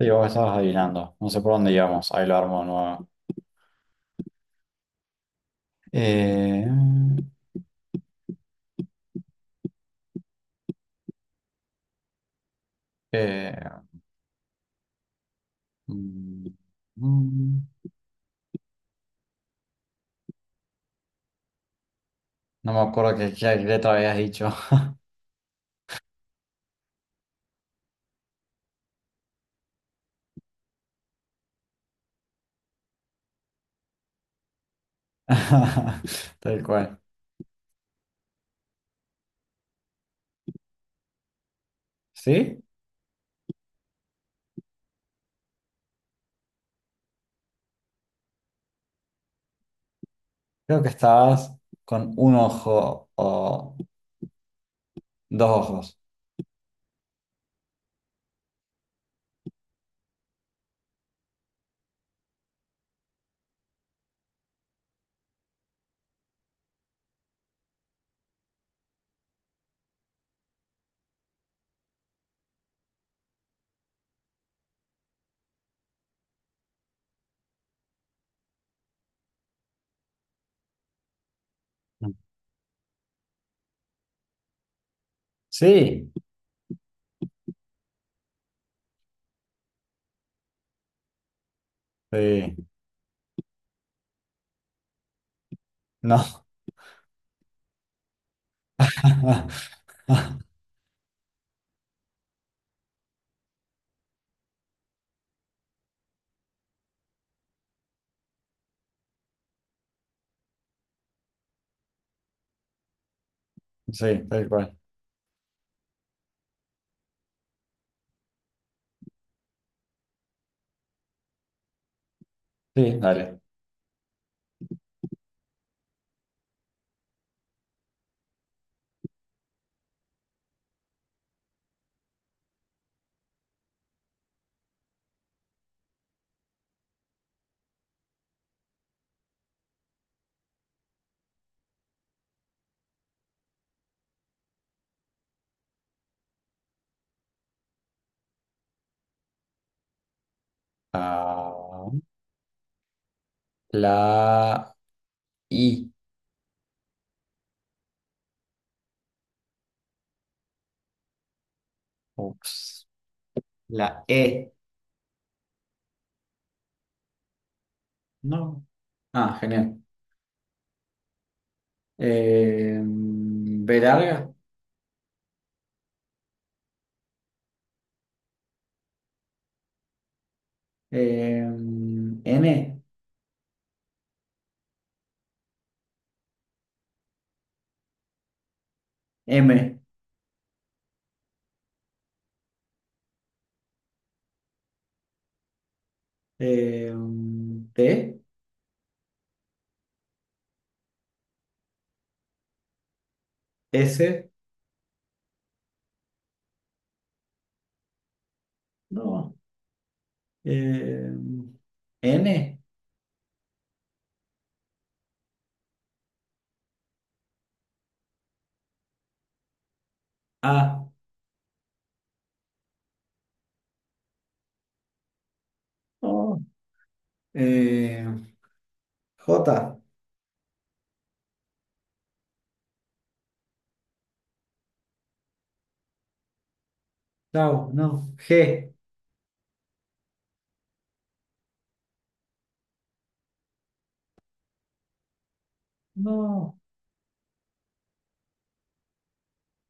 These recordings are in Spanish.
Sí, vos estabas adivinando. No sé por dónde íbamos. Ahí lo armo nuevo. Eh, eh, mm, mm, no me acuerdo qué letra habías dicho. Tal cual. ¿Sí? Creo que estabas con un ojo o dos ojos. Sí, sí. No. Sí, tal cual. Sí, dale. Ah, la I. Ups. La E. No. Ah, genial. B larga, eh, N, M, eh, T, S, no, eh, N, A, no, eh, J, chao, no, G, no,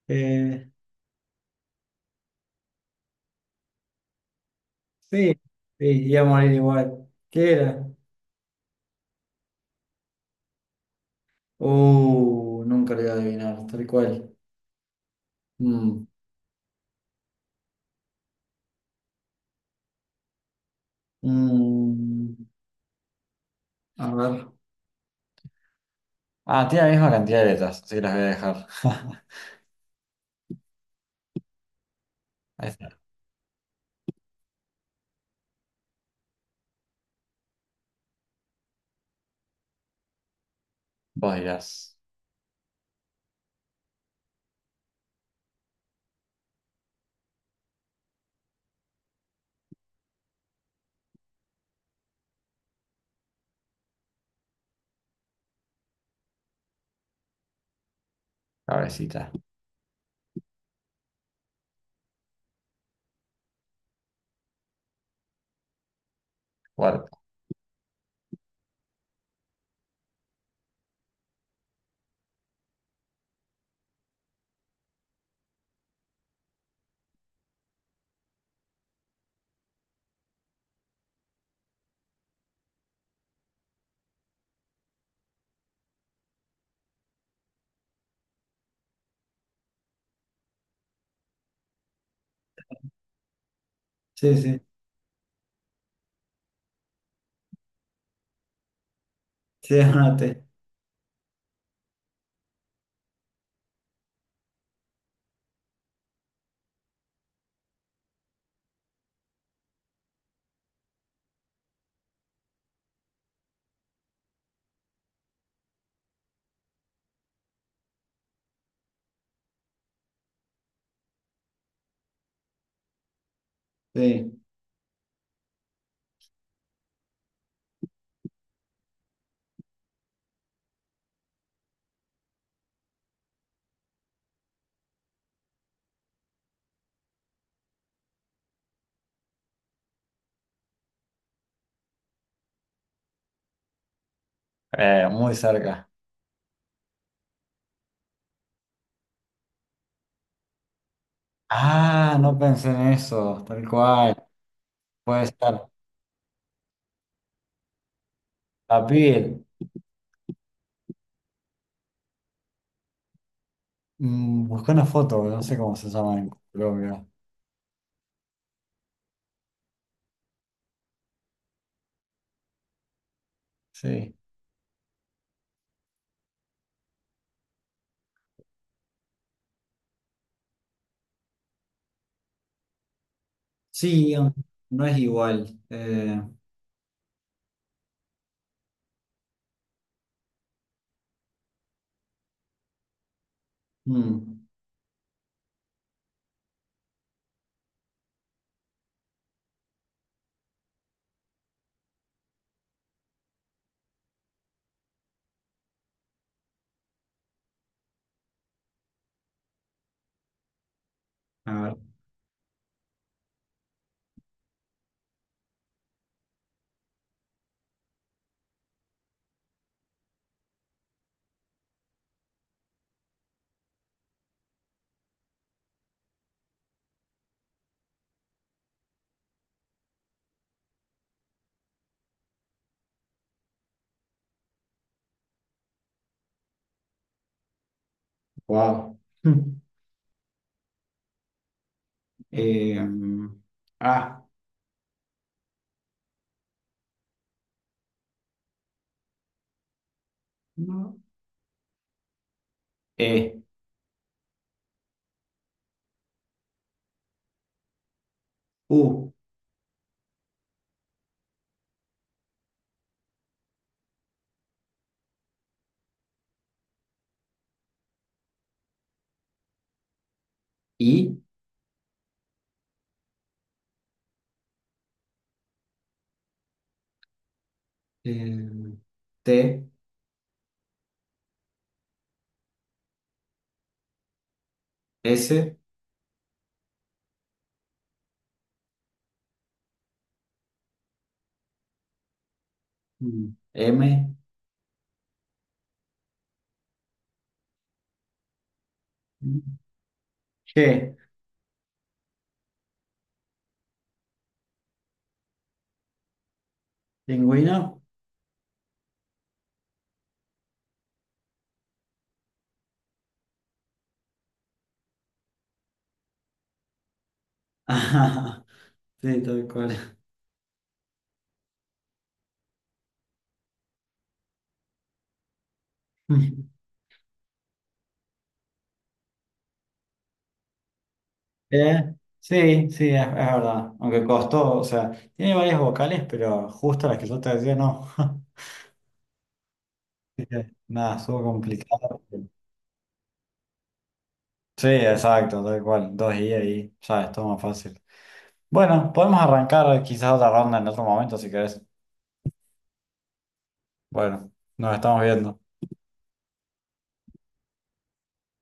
eh, sí, sí, iba a morir igual. ¿Qué era? Nunca lo iba a adivinar, tal cual. Mm, mm, a ver. Ah, tiene la misma cantidad de letras, así que las voy a dejar. Ahí está. Vos dirás, cabecita, cuerpo. Sí, sí, sí, anoté. Sí. Muy cerca. Ah, no pensé en eso, tal cual. Puede ser. La piel. Mm, busqué una foto, no sé cómo se llama en Colombia. Sí. Sí, no es igual. Mm, a ver. Wow. ah, no. E, U, I. eh, T, S, mm, M, mm, G. ¿Pingüino? Ajá, sí, tal cual. Sí, sí, es verdad. Aunque costó, o sea, tiene varias vocales, pero justo las que yo te decía, no. Así que, nada, estuvo complicado. Sí, exacto, tal cual. Dos I ahí, ya es todo más fácil. Bueno, podemos arrancar quizás otra ronda en otro momento si querés. Bueno, nos estamos viendo.